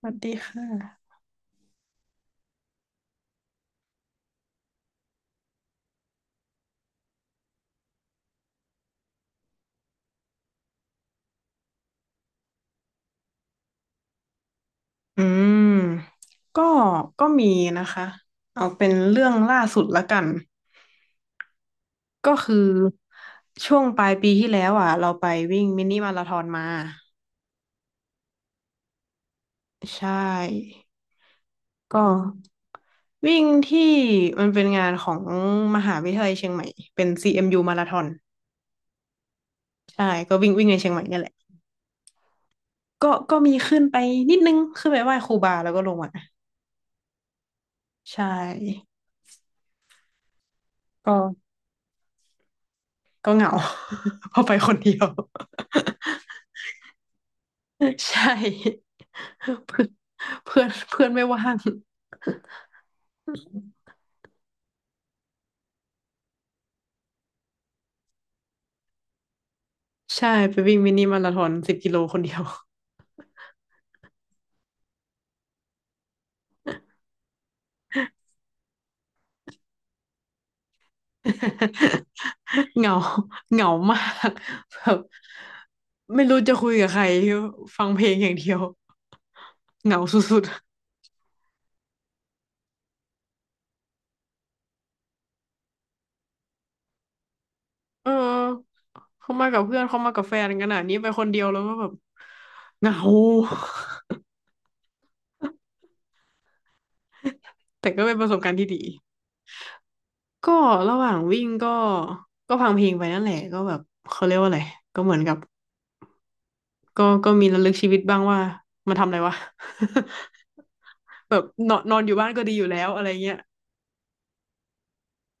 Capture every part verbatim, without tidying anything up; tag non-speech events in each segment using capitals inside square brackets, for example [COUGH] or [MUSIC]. สวัสดีค่ะ อืม ก็ก็มีนะคะเอาเป็นเรื่องล่าสุดละกัน ก็คือช่วงปลายปีที่แล้วอ่ะ เราไปวิ่งมินิมาราธอนมา ใช่ ก็วิ่งที่มันเป็นงานของมหาวิทยาลัยเชียงใหม่ เป็น ซี เอ็ม ยู มยูมาราธอนใช่ ก็วิ่งวิ่งในเชียงใหม่เนี่ยแหละก็ก็มีขึ้นไปนิดนึง ขึ้นไปไหว้ครูบาแล้วก็ลงมา ใช่ ก็ ก็เหงา [LAUGHS] เพอไปคนเดียว [LAUGHS] ใช่ เพื่อนเพื่อนเพื่อนไม่ว่างใช่ไปวิ่งมินิมาราธอนสิบกิโลคนเดียว [LAUGHS] เหงาเหงามากแบบไม่รู้จะคุยกับใครฟังเพลงอย่างเดียวเหงาสุดๆเออเขามากับเพื่อนเขามากับแฟนกันอ่ะนี่ไปคนเดียวแล้วก็แบบเหงา [LAUGHS] แต่ก็เป็นประสบการณ์ที่ดีก็ระหว่างวิ่งก็ก็ฟังเพลงไปนั่นแหละก็แบบเขาเรียกว่าอะไรก็เหมือนกับ ก็ก็มีระลึกชีวิตบ้างว่ามาทำอะไรวะ [LAUGHS] แบบนอนนอนอยู่บ้านก็ดีอยู่แล้วอะไรเงี้ย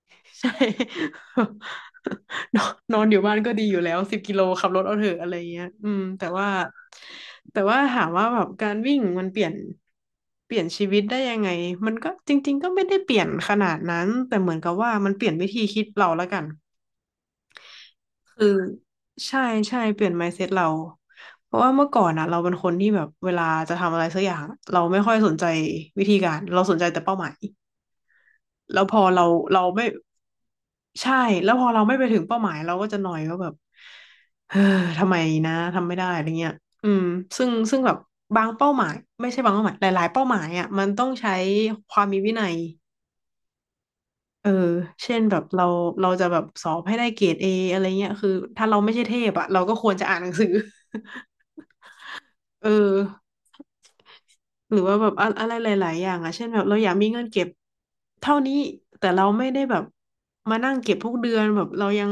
[LAUGHS] ใช่ [LAUGHS] นอนนอนอยู่บ้านก็ดีอยู่แล้วสิบกิโลขับรถเอาเถอะอะไรเงี้ยอืมแต่ว่าแต่ว่าถามว่าแบบการวิ่งมันเปลี่ยนเปลี่ยนชีวิตได้ยังไงมันก็จริงๆก็ไม่ได้เปลี่ยนขนาดนั้นแต่เหมือนกับว่ามันเปลี่ยนวิธีคิดเราละกัน คือใช่ใช่เปลี่ยน mindset เราเพราะว่าเมื่อก่อนนะเราเป็นคนที่แบบเวลาจะทำอะไรสักอย่างเราไม่ค่อยสนใจวิธีการเราสนใจแต่เป้าหมายแล้วพอเราเราไม่ใช่แล้วพอเราไม่ไปถึงเป้าหมายเราก็จะหน่อยว่าแบบเออทำไมนะทำไม่ได้อะไรเงี้ยอืมซึ่งซึ่งแบบบางเป้าหมายไม่ใช่บางเป้าหมายหลายๆเป้าหมายอ่ะมันต้องใช้ความมีวินัย เออเช่นแบบเราเราจะแบบสอบให้ได้เกรดเออะไรเงี้ยคือถ้าเราไม่ใช่เทพอะเราก็ควรจะอ่านหนังสือ [LAUGHS] เออหรือว่าแบบอะอะไรหลายๆอย่างอะเช่นแบบเราอยากมีเงินเก็บเท่านี้แต่เราไม่ได้แบบมานั่งเก็บทุกเดือนแบบเรายัง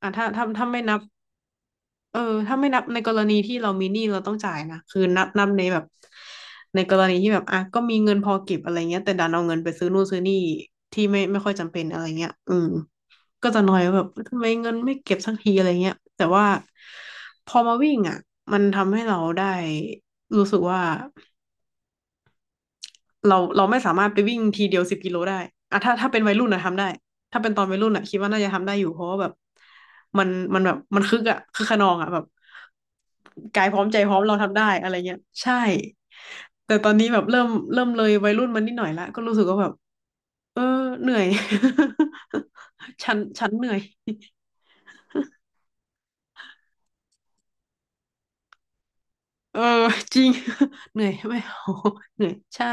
อ่ะถ้าถ้าถ้าไม่นับ เออถ้าไม่นับในกรณีที่เรามีหนี้เราต้องจ่ายนะคือนับนับในแบบในกรณีที่แบบอ่ะก็มีเงินพอเก็บอะไรเงี้ยแต่ดันเอาเงินไปซื้อนู่นซื้อนี่ที่ไม่ไม่ค่อยจำเป็นอะไรเงี้ยอืมก็จะน้อยว่าแบบทำไมเงินไม่เก็บสักทีอะไรเงี้ยแต่ว่าพอมาวิ่งอ่ะมันทำให้เราได้รู้สึกว่า เราเราไม่สามารถไปวิ่งทีเดียวสิบกิโลได้อะถ้าถ้าเป็นวัยรุ่นนะทำได้ถ้าเป็นตอนวัยรุ่นอะคิดว่าน่าจะทำได้อยู่เพราะว่าแบบมันมันแบบมันคึกอะคึกขนองอะแบบกายพร้อมใจพร้อมเราทำได้อะไรเงี้ยใช่แต่ตอนนี้แบบเริ่มเริ่มเลยวัยรุ่นมันนิดหน่อยละก็รู้สึกว่าแบบเออเหนื่อย [LAUGHS] ฉันฉันเหนื่อย เออ [LAUGHS] จริง [LAUGHS] เหนื่อยไม่เอา [LAUGHS] เหนื่อยใช่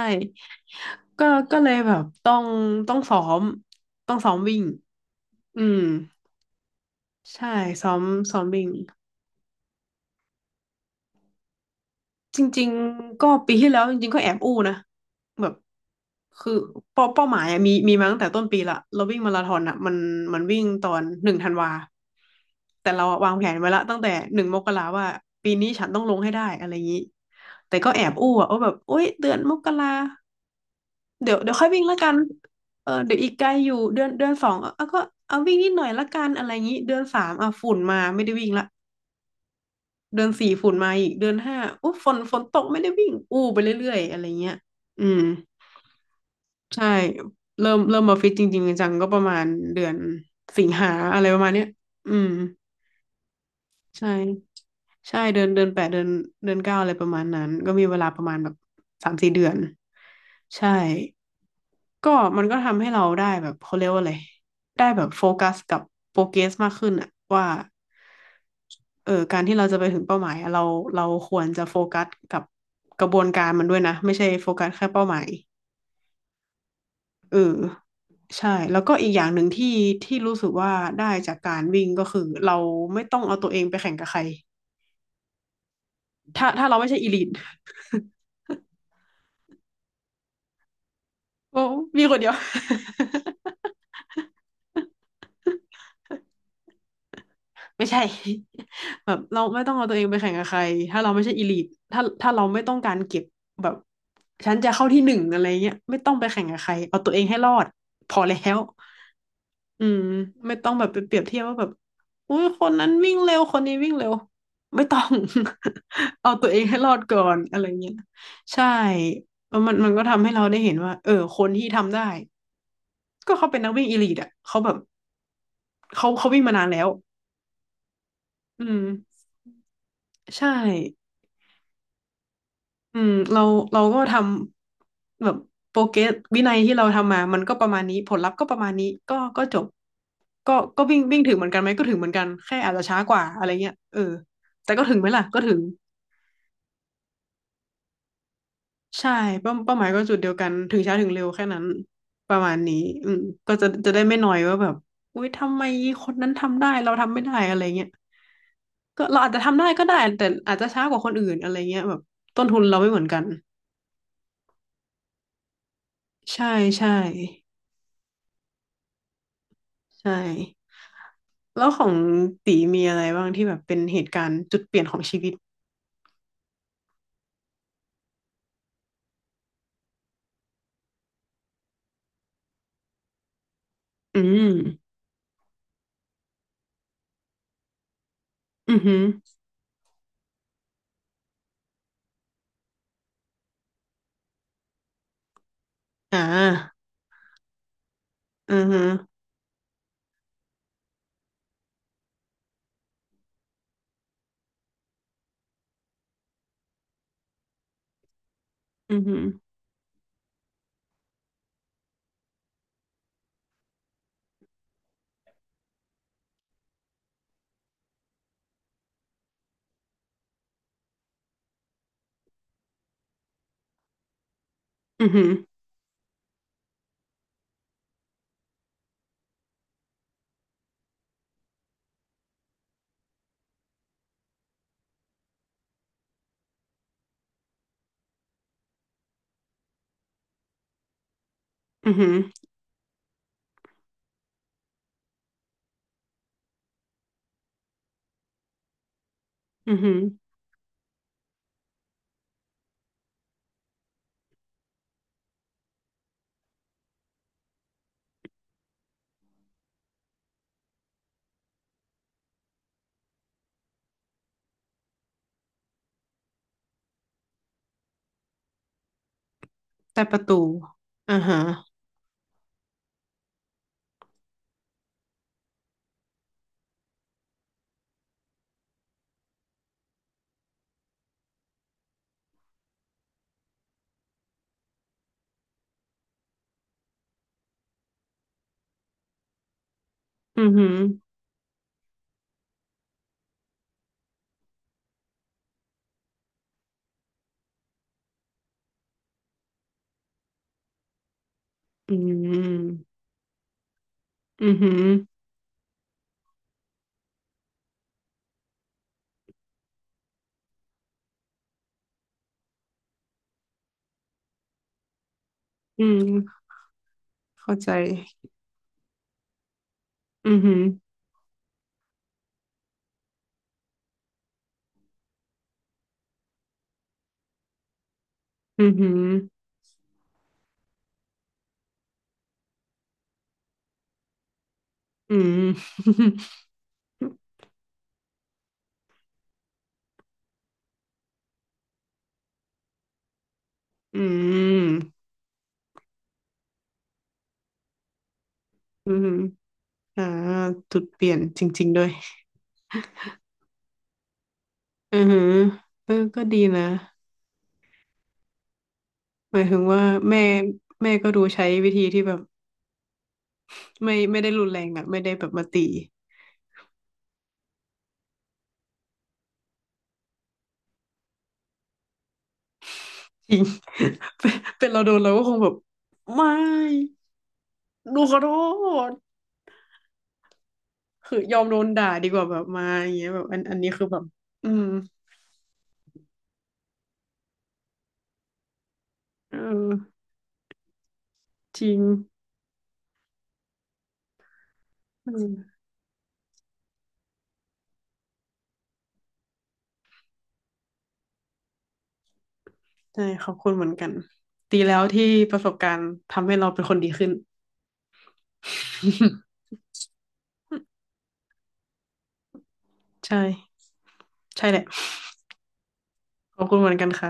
ก็ก็เลยแบบต้องต้องซ้อมต้องซ้อมวิ่งอืมใช่ซ้อมซ้อมวิ่งจริงๆก็ปีที่แล้วจริงๆก็แอบอู้นะแบบคือเป้าเป้าหมายอะมีมีมาตั้งแต่ต้นปีละเราวิ่งมาราธอนอะมันมันวิ่งตอนหนึ่งธันวาแต่เราอะวางแผนไว้ละตั้งแต่หนึ่งมกราว่าปีนี้ฉันต้องลงให้ได้อะไรอย่างนี้แต่ก็แอบอู้อะว่าแบบโอ๊ยเดือนมกรา เดี๋ยวเดี๋ยวค่อยวิ่งละกันเออเดี๋ยวอีกไกลอยู่เดือนเดือนสองเอาเอาก็เอาวิ่งนิดหน่อยละกันอะไรงี้เดือนสามอ่ะฝุ่นมาไม่ได้วิ่งละเดือนสี่ฝุ่นมาอีกเดือนห้าอุ๊ยฝนฝนตกไม่ได้วิ่งอู้ไปเรื่อยๆอะไรเงี้ยอืมใช่เริ่มเริ่มมาฟิตจริงๆจังๆก็ประมาณเดือนสิงหาอะไรประมาณเนี้ยอืม ใช่ใช่เดือนเดือนแปดเดือนเดือนเก้าอะไรประมาณนั้นก็มีเวลาประมาณแบบสามสี่เดือนใช่ก็มันก็ทำให้เราได้แบบเขาเรียกว่าอะไรได้แบบโฟกัสกับโปรเกรสมากขึ้นอะว่าเออการที่เราจะไปถึงเป้าหมายอะเราเราควรจะโฟกัสกับกระบวนการมันด้วยนะไม่ใช่โฟกัสแค่เป้าหมายเออใช่แล้วก็อีกอย่างหนึ่งที่ที่รู้สึกว่าได้จากการวิ่งก็คือเราไม่ต้องเอาตัวเองไปแข่งกับใคร ถ้าถ้าเราไม่ใช่อีลิทโอ้มีคนเดียว [LAUGHS] ไม่ใช่ [LAUGHS] แบบเราไม่ต้องเอาตัวเองไปแข่งกับใครถ้าเราไม่ใช่อีลิทถ้าถ้าเราไม่ต้องการเก็บแบบฉันจะเข้าที่หนึ่งอะไรเงี้ยไม่ต้องไปแข่งกับใครเอาตัวเองให้รอดพอแล้วอืมไม่ต้องแบบไปเปรียบเทียบว่าแบบอุ้ยคนนั้นวิ่งเร็วคนนี้วิ่งเร็วไม่ต้อง [LAUGHS] เอาตัวเองให้รอดก่อนอะไรเงี้ยใช่เออมันมันก็ทำให้เราได้เห็นว่าเออคนที่ทำได้ก็เขาเป็นนักวิ่งอีลิทอ่ะเขาแบบ เขาเขาวิ่งมานานแล้วอืมใช่อืมเราเราก็ทำแบบโปรเกรสวินัยที่เราทำมามันก็ประมาณนี้ผลลัพธ์ก็ประมาณนี้ก็ก็จบก็ก็วิ่งวิ่งถึงเหมือนกันไหมก็ถึงเหมือนกันแค่อาจจะช้ากว่าอะไรเงี้ยเออแต่ก็ถึงไหมล่ะก็ถึงใช่เป้าเป้าหมายก็จุดเดียวกันถึงช้าถึงเร็วแค่นั้นประมาณนี้อืมก็จะจะได้ไม่นอยว่าแบบอุ้ยทำไมคนนั้นทำได้เราทำไม่ได้อะไรเงี้ย ก็เราอาจจะทำได้ก็ได้แต่อาจจะช้ากว่าคนอื่นอะไรเงี้ยแบบต้นทุนเราไม่เหมือนกันใช่ใช่ใช่แล้วของตีมีอะไรบ้างที่แบบเป็นเหตุการณ์จุดเปลี่ยนของชีวิตอืมอือหืออ่าอือหืออือหืออือหืออือหืออือหือแต่ประตูอ่าฮะอือหืออืมอือหืออืมเข้าใจอือหืออือหืออืม [LAUGHS] อืมอืม อ่าจุดเปลี่ยนจริงๆด้วยอือหือเออก็ดีนะ หมายถึงว่าแม่แม่ก็ดูใช้วิธีที่แบบไม่ไม่ได้รุนแรงอะไม่ได้แบบมาตีจริง [LAUGHS] เป็นเป็นเราโดนเราก็คงแบบไม่หนูขอโทษคือยอมโดนด่าดีกว่าแบบมาอย่างเงี้ยแบบอันอันนี้คือแบบอืมเออจริงอืมใช่ขอบคุณเหมือนกันดีแล้วที่ประสบการณ์ทำให้เราเป็นคนดีขึ้น [LAUGHS] ใช่ใช่แหละขอบคุณเหมือนกันค่ะ